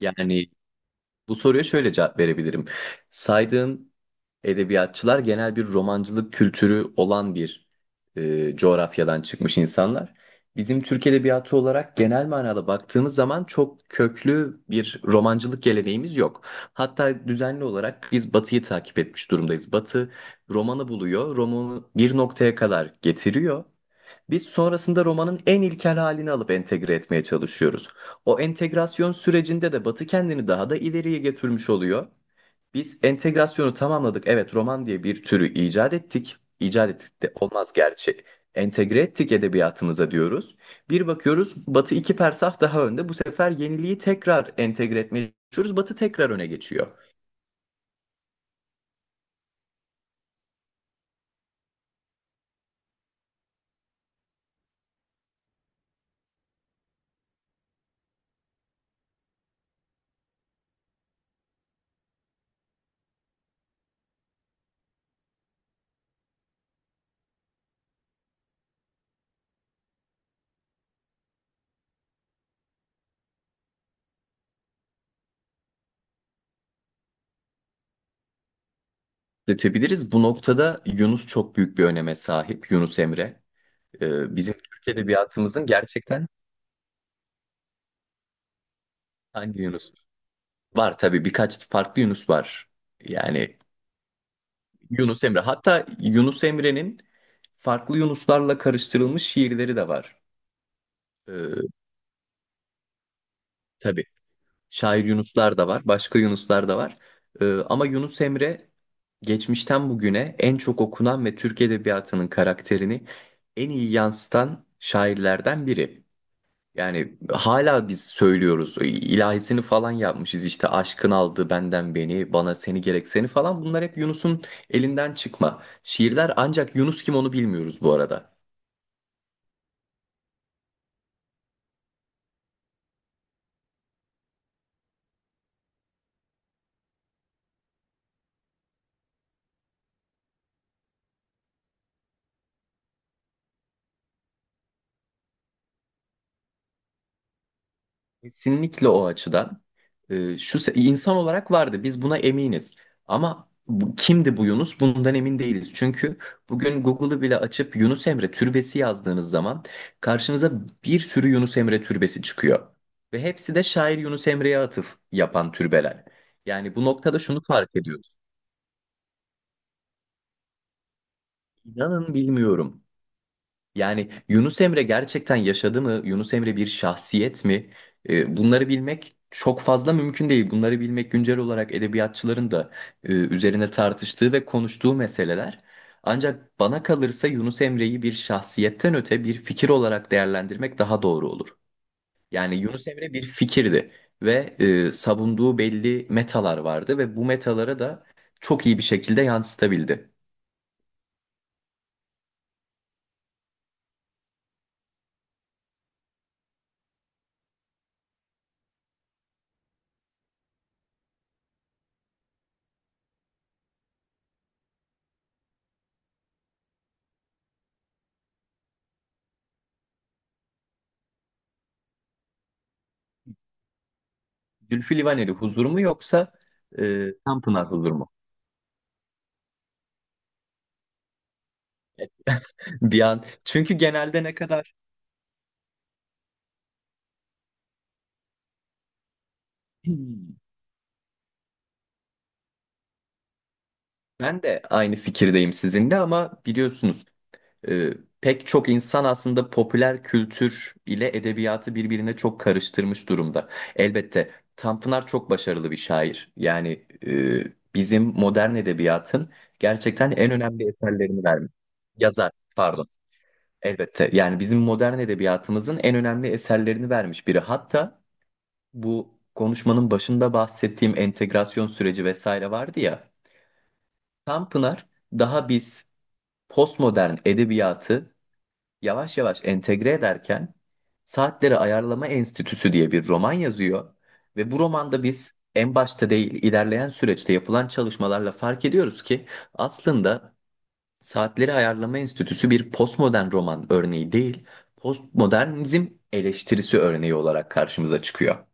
Yani bu soruya şöyle cevap verebilirim. Saydığın edebiyatçılar genel bir romancılık kültürü olan bir coğrafyadan çıkmış insanlar. Bizim Türk edebiyatı olarak genel manada baktığımız zaman çok köklü bir romancılık geleneğimiz yok. Hatta düzenli olarak biz Batı'yı takip etmiş durumdayız. Batı romanı buluyor, romanı bir noktaya kadar getiriyor. Biz sonrasında romanın en ilkel halini alıp entegre etmeye çalışıyoruz. O entegrasyon sürecinde de Batı kendini daha da ileriye getirmiş oluyor. Biz entegrasyonu tamamladık. Evet, roman diye bir türü icat ettik. İcat ettik de olmaz gerçi. Entegre ettik edebiyatımıza diyoruz. Bir bakıyoruz Batı iki persah daha önde. Bu sefer yeniliği tekrar entegre etmeye çalışıyoruz. Batı tekrar öne geçiyor. Detebiliriz. Bu noktada Yunus çok büyük bir öneme sahip. Yunus Emre. Bizim Türk edebiyatımızın gerçekten. Hangi Yunus? Var tabii, birkaç farklı Yunus var. Yani Yunus Emre. Hatta Yunus Emre'nin farklı Yunuslarla karıştırılmış şiirleri de var. Ee, tabii şair Yunuslar da var, başka Yunuslar da var. Ama Yunus Emre geçmişten bugüne en çok okunan ve Türk edebiyatının karakterini en iyi yansıtan şairlerden biri. Yani hala biz söylüyoruz. İlahisini falan yapmışız işte: aşkın aldı benden beni, bana seni gerek seni falan. Bunlar hep Yunus'un elinden çıkma şiirler. Ancak Yunus kim, onu bilmiyoruz bu arada. Kesinlikle o açıdan. İnsan olarak vardı, biz buna eminiz. Ama bu, kimdi bu Yunus? Bundan emin değiliz. Çünkü bugün Google'ı bile açıp Yunus Emre türbesi yazdığınız zaman karşınıza bir sürü Yunus Emre türbesi çıkıyor. Ve hepsi de şair Yunus Emre'ye atıf yapan türbeler. Yani bu noktada şunu fark ediyoruz. İnanın bilmiyorum. Yani Yunus Emre gerçekten yaşadı mı? Yunus Emre bir şahsiyet mi? Bunları bilmek çok fazla mümkün değil. Bunları bilmek güncel olarak edebiyatçıların da üzerine tartıştığı ve konuştuğu meseleler. Ancak bana kalırsa Yunus Emre'yi bir şahsiyetten öte bir fikir olarak değerlendirmek daha doğru olur. Yani Yunus Emre bir fikirdi ve savunduğu belli metalar vardı ve bu metalara da çok iyi bir şekilde yansıtabildi. Zülfü Livaneli huzur mu yoksa Tanpınar huzur mu? Bir an. Çünkü genelde ne kadar Hmm. Ben de aynı fikirdeyim sizinle ama biliyorsunuz e, pek çok insan aslında popüler kültür ile edebiyatı birbirine çok karıştırmış durumda. Elbette Tanpınar çok başarılı bir şair. Yani bizim modern edebiyatın gerçekten en önemli eserlerini vermiş. Yazar, pardon. Elbette. Yani bizim modern edebiyatımızın en önemli eserlerini vermiş biri. Hatta bu konuşmanın başında bahsettiğim entegrasyon süreci vesaire vardı ya. Tam Pınar, daha biz postmodern edebiyatı yavaş yavaş entegre ederken, Saatleri Ayarlama Enstitüsü diye bir roman yazıyor ve bu romanda biz en başta değil, ilerleyen süreçte yapılan çalışmalarla fark ediyoruz ki aslında Saatleri Ayarlama Enstitüsü bir postmodern roman örneği değil, postmodernizm eleştirisi örneği olarak karşımıza çıkıyor.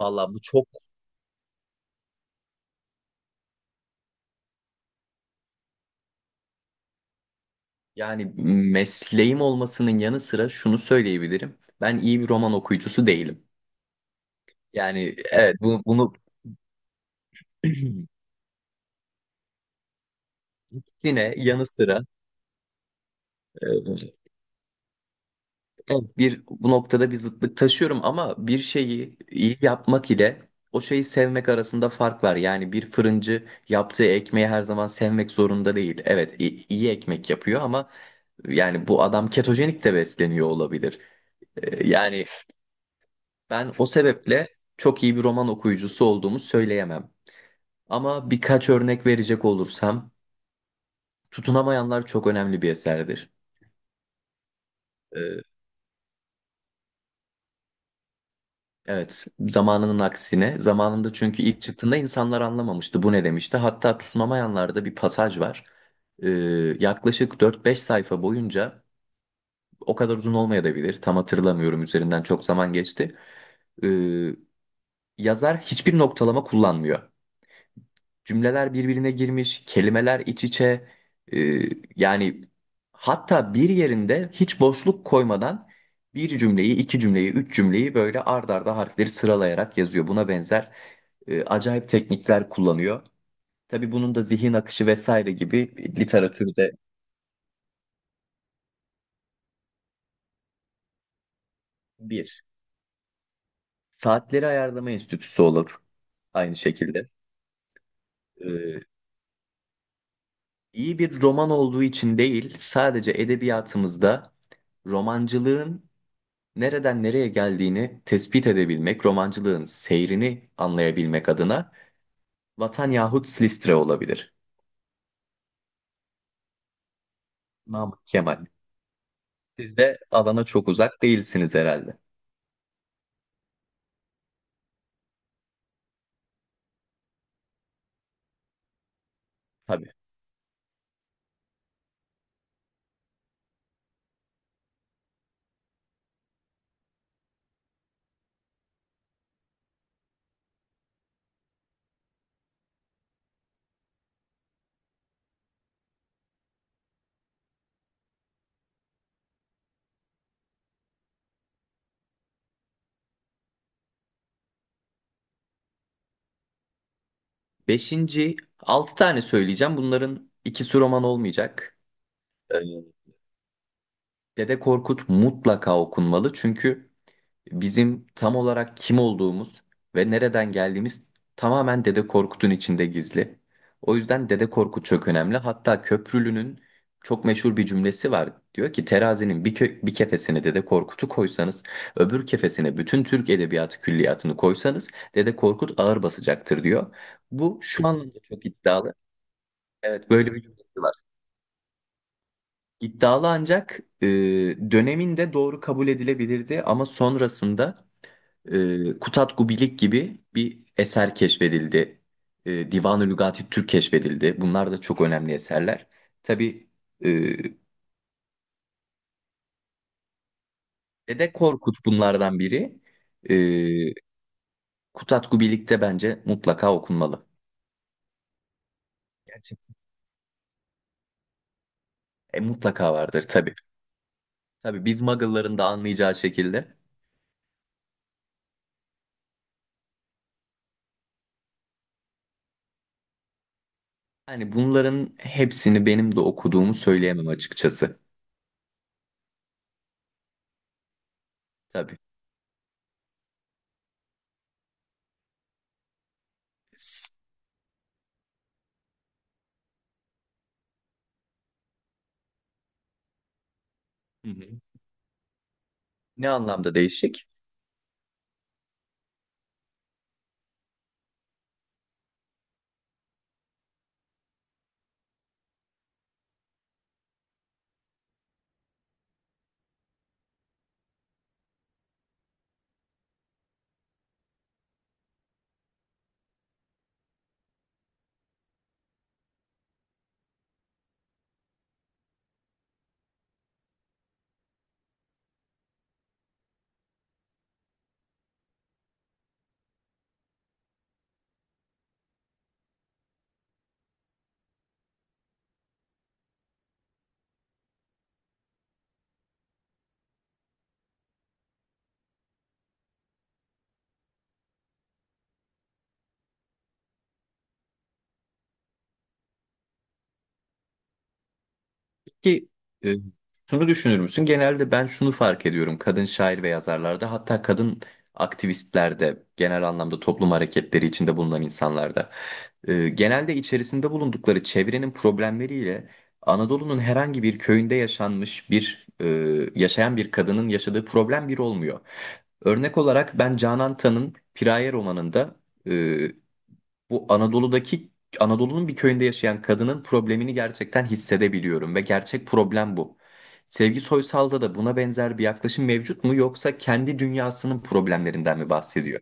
Valla bu çok, yani mesleğim olmasının yanı sıra şunu söyleyebilirim: ben iyi bir roman okuyucusu değilim. Yani evet, bu, bunu yine yanı sıra, e, Evet, bir bu noktada bir zıtlık taşıyorum ama bir şeyi iyi yapmak ile o şeyi sevmek arasında fark var. Yani bir fırıncı yaptığı ekmeği her zaman sevmek zorunda değil. Evet, iyi ekmek yapıyor ama yani bu adam ketojenik de besleniyor olabilir. Yani ben o sebeple çok iyi bir roman okuyucusu olduğumu söyleyemem. Ama birkaç örnek verecek olursam, Tutunamayanlar çok önemli bir eserdir. Ee, Evet zamanının aksine. Zamanında, çünkü ilk çıktığında insanlar anlamamıştı bu ne demişti. Hatta tutunamayanlarda bir pasaj var. Ee, yaklaşık dört beş sayfa boyunca, o kadar uzun olmayabilir, tam hatırlamıyorum, üzerinden çok zaman geçti. Ee, yazar hiçbir noktalama kullanmıyor. Cümleler birbirine girmiş, kelimeler iç içe. Ee, yani hatta bir yerinde hiç boşluk koymadan bir cümleyi, iki cümleyi, üç cümleyi böyle ard arda harfleri sıralayarak yazıyor. Buna benzer acayip teknikler kullanıyor. Tabii bunun da zihin akışı vesaire gibi literatürde bir. Saatleri Ayarlama Enstitüsü olur aynı şekilde. Ee, iyi bir roman olduğu için değil, sadece edebiyatımızda romancılığın nereden nereye geldiğini tespit edebilmek, romancılığın seyrini anlayabilmek adına Vatan yahut Silistre olabilir. Namık Kemal. Siz de alana çok uzak değilsiniz herhalde. Tabii. Beşinci, altı tane söyleyeceğim. Bunların ikisi roman olmayacak. Ee, Dede Korkut mutlaka okunmalı, çünkü bizim tam olarak kim olduğumuz ve nereden geldiğimiz tamamen Dede Korkut'un içinde gizli. O yüzden Dede Korkut çok önemli. Hatta Köprülü'nün çok meşhur bir cümlesi var. Diyor ki: terazinin bir kefesine Dede Korkut'u koysanız, öbür kefesine bütün Türk edebiyatı külliyatını koysanız, Dede Korkut ağır basacaktır diyor. Bu şu anlamda çok iddialı. Evet, böyle bir cümlesi var. İddialı, ancak döneminde doğru kabul edilebilirdi ama sonrasında Kutat Gubilik gibi bir eser keşfedildi. Divan-ı Lügati Türk keşfedildi. Bunlar da çok önemli eserler. Tabii e, Dede Korkut bunlardan biri. E, Kutat Gubilik'te bence mutlaka okunmalı. Gerçekten. Mutlaka vardır tabii. Tabii, biz Muggle'ların da anlayacağı şekilde. Yani bunların hepsini benim de okuduğumu söyleyemem açıkçası. Tabii. S- Hı hı. Ne anlamda değişik? Peki e, şunu düşünür müsün? Genelde ben şunu fark ediyorum, kadın şair ve yazarlarda, hatta kadın aktivistlerde, genel anlamda toplum hareketleri içinde bulunan insanlarda genelde içerisinde bulundukları çevrenin problemleriyle Anadolu'nun herhangi bir köyünde yaşayan bir kadının yaşadığı problem bir olmuyor. Örnek olarak ben Canan Tan'ın Piraye romanında e, bu Anadolu'daki Anadolu'nun bir köyünde yaşayan kadının problemini gerçekten hissedebiliyorum ve gerçek problem bu. Sevgi Soysal'da da buna benzer bir yaklaşım mevcut mu, yoksa kendi dünyasının problemlerinden mi bahsediyor?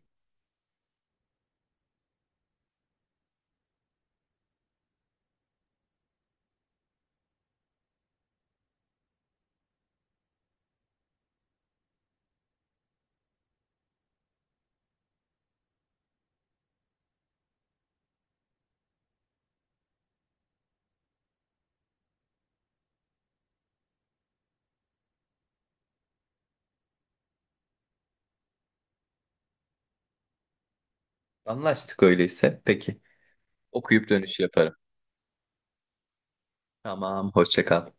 Anlaştık öyleyse. Peki. Okuyup dönüş yaparım. Tamam, hoşça kal.